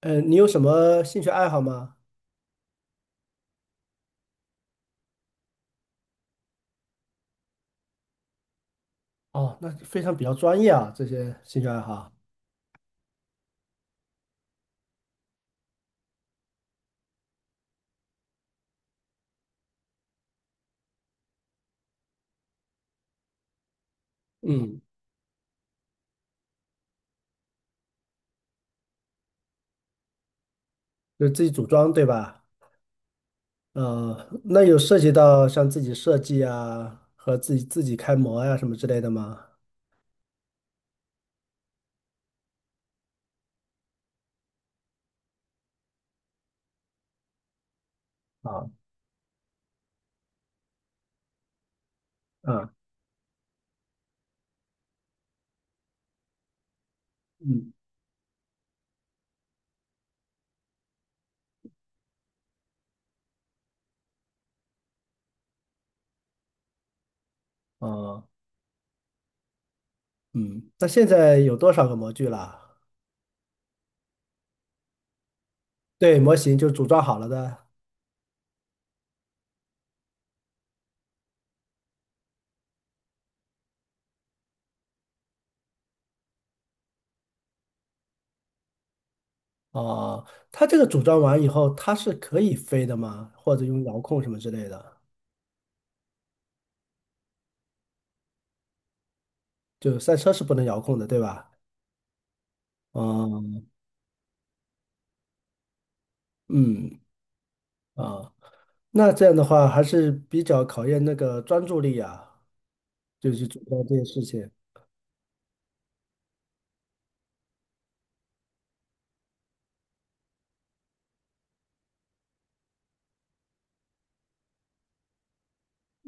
你有什么兴趣爱好吗？哦，那非常比较专业啊，这些兴趣爱好。嗯，就自己组装，对吧？呃，那有涉及到像自己设计啊，和自己开模呀、什么之类的吗？啊，啊，嗯，哦，嗯，那现在有多少个模具了？对，模型就组装好了的。哦，它这个组装完以后，它是可以飞的吗？或者用遥控什么之类的？就赛车是不能遥控的，对吧？哦，嗯，啊。那这样的话还是比较考验那个专注力啊，就去做到这些事情。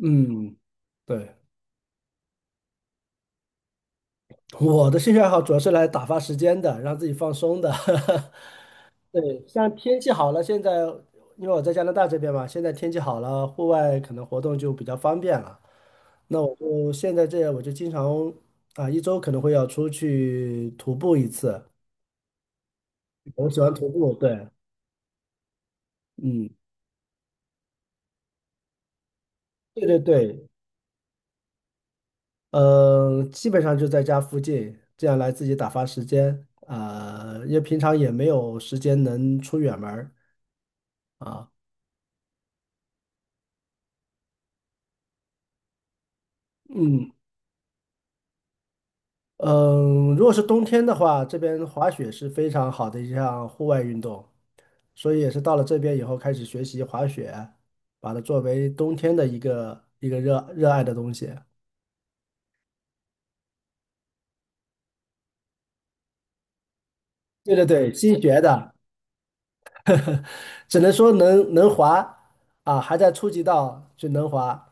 嗯，对，我的兴趣爱好主要是来打发时间的，让自己放松的。对，像天气好了，现在因为我在加拿大这边嘛，现在天气好了，户外可能活动就比较方便了。那我就现在这样，我就经常啊，一周可能会要出去徒步一次。我喜欢徒步，对，嗯，对对对，嗯，基本上就在家附近，这样来自己打发时间。啊、因为平常也没有时间能出远门儿啊。嗯嗯，如果是冬天的话，这边滑雪是非常好的一项户外运动，所以也是到了这边以后开始学习滑雪，把它作为冬天的一个热爱的东西。对对对，新学的，只能说能滑啊，还在初级道就能滑。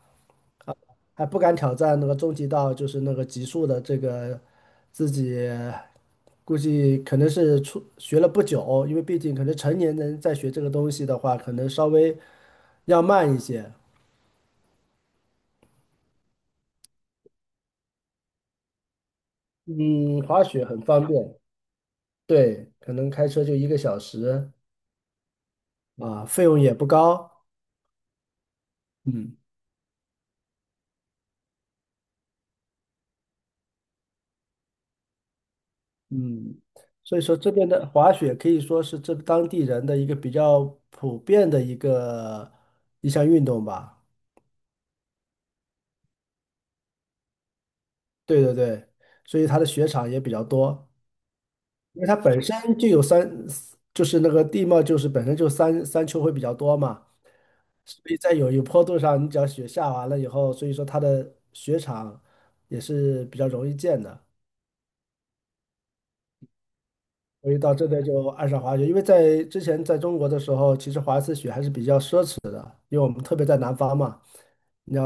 还不敢挑战那个终极道，就是那个极速的这个自己，估计可能是初学了不久，因为毕竟可能成年人在学这个东西的话，可能稍微要慢一些。嗯，滑雪很方便，对，可能开车就一个小时啊，费用也不高。嗯嗯，所以说这边的滑雪可以说是这当地人的一个比较普遍的一个一项运动吧。对对对，所以它的雪场也比较多，因为它本身就有山，就是那个地貌就是本身就山丘会比较多嘛，所以在有一坡度上，你只要雪下完了以后，所以说它的雪场也是比较容易建的。所以到这边就爱上滑雪。因为在之前在中国的时候，其实滑一次雪还是比较奢侈的，因为我们特别在南方嘛，你要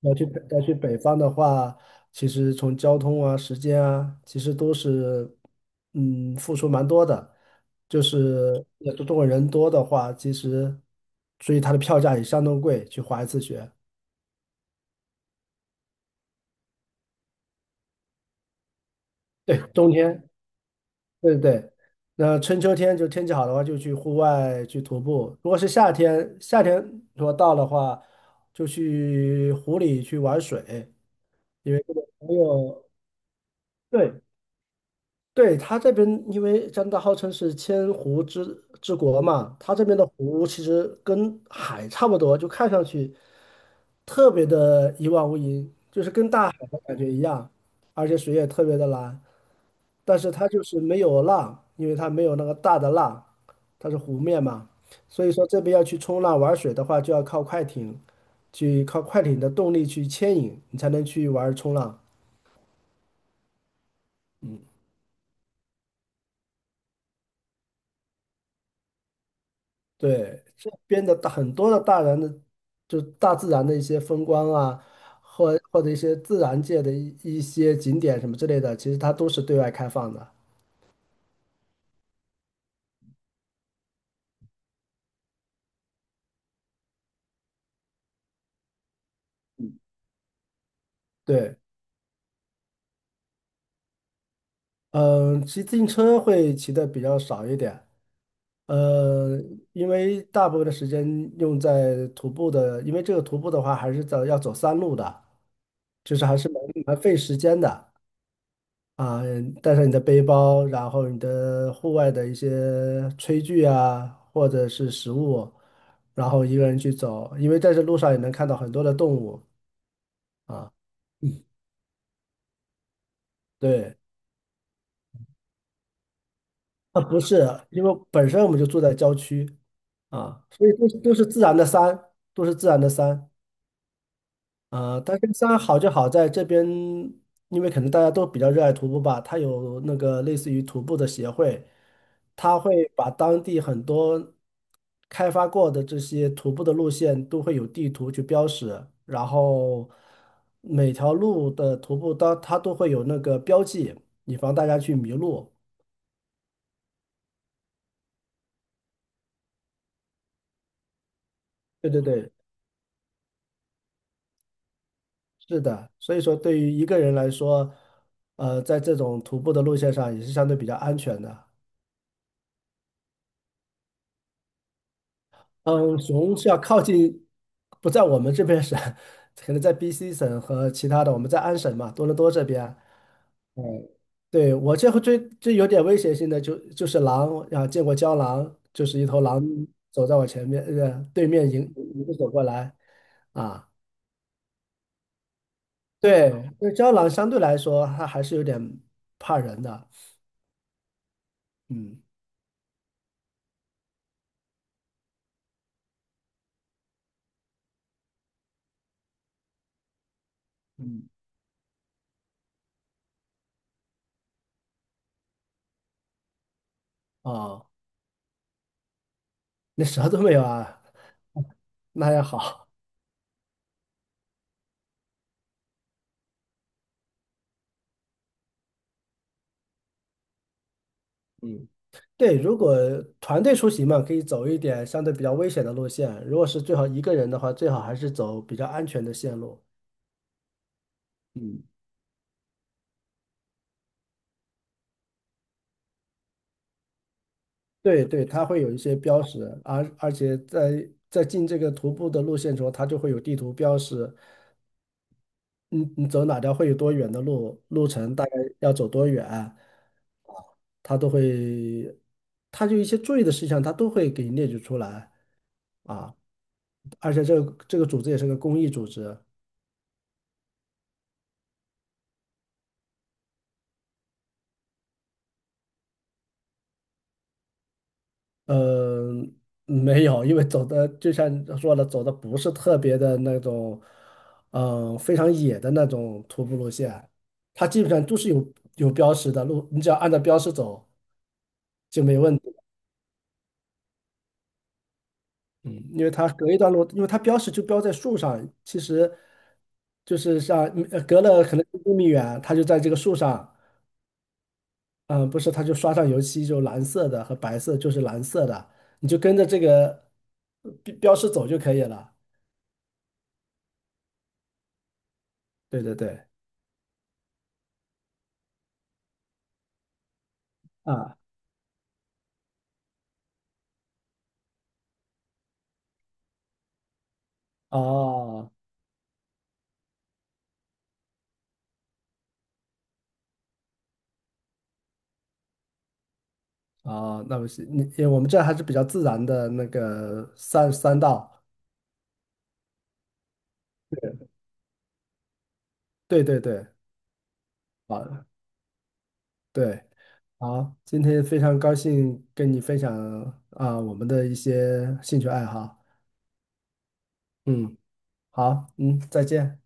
要去北方的话，其实从交通啊、时间啊，其实都是付出蛮多的。就是也中国人多的话，其实所以它的票价也相当贵，去滑一次雪。对，冬天。对对对，那春秋天就天气好的话，就去户外去徒步；如果是夏天，夏天如果到的话，就去湖里去玩水，因为这个没有。对对，它这边因为加拿大号称是千湖之国嘛，它这边的湖其实跟海差不多，就看上去特别的一望无垠，就是跟大海的感觉一样，而且水也特别的蓝。但是它就是没有浪，因为它没有那个大的浪，它是湖面嘛，所以说这边要去冲浪玩水的话，就要靠快艇，去靠快艇的动力去牵引，你才能去玩冲浪。嗯，对，这边的大很多的大人的，就大自然的一些风光啊，或或者一些自然界的一些景点什么之类的，其实它都是对外开放的。对，嗯，骑自行车会骑的比较少一点。呃，因为大部分的时间用在徒步的，因为这个徒步的话还是走要走山路的，就是还是蛮费时间的啊。带上你的背包，然后你的户外的一些炊具啊，或者是食物，然后一个人去走，因为在这路上也能看到很多的动物啊。对，啊，不是，因为本身我们就住在郊区啊，所以都是自然的山，都是自然的山呃，大根山好就好在这边，因为可能大家都比较热爱徒步吧，它有那个类似于徒步的协会，它会把当地很多开发过的这些徒步的路线都会有地图去标识，然后每条路的徒步它都会有那个标记，以防大家去迷路。对对对，是的，所以说对于一个人来说，呃，在这种徒步的路线上也是相对比较安全的。嗯，熊是要靠近，不在我们这边省，可能在 BC 省和其他的，我们在安省嘛，多伦多这边。对，我这回最有点威胁性的就是狼啊，见过郊狼，就是一头狼走在我前面，对面迎着走过来啊。对，因为郊狼相对来说它还是有点怕人的，嗯，嗯哦，那蛇都没有啊，那还好。嗯。对，如果团队出行嘛，可以走一点相对比较危险的路线；如果是最好一个人的话，最好还是走比较安全的线路。嗯，对对，它会有一些标识，而且在进这个徒步的路线中，它就会有地图标识，你走哪条会有多远的路，路程大概要走多远，它都会，它就一些注意的事项，它都会给你列举出来啊。而且这个组织也是个公益组织，嗯，没有，因为走的就像你说的，走的不是特别的那种，嗯，非常野的那种徒步路线，它基本上都是有有标识的路，你只要按照标识走就没问题。嗯，因为它隔一段路，因为它标识就标在树上，其实就是像呃隔了可能1公里远，它就在这个树上，嗯，不是，它就刷上油漆，就蓝色的和白色就是蓝色的，你就跟着这个标识走就可以了。对对对。啊，哦，哦，那不是你，因为我们这儿还是比较自然的那个三道，对对对，啊，对，好，今天非常高兴跟你分享啊我们的一些兴趣爱好，嗯，好，嗯，再见。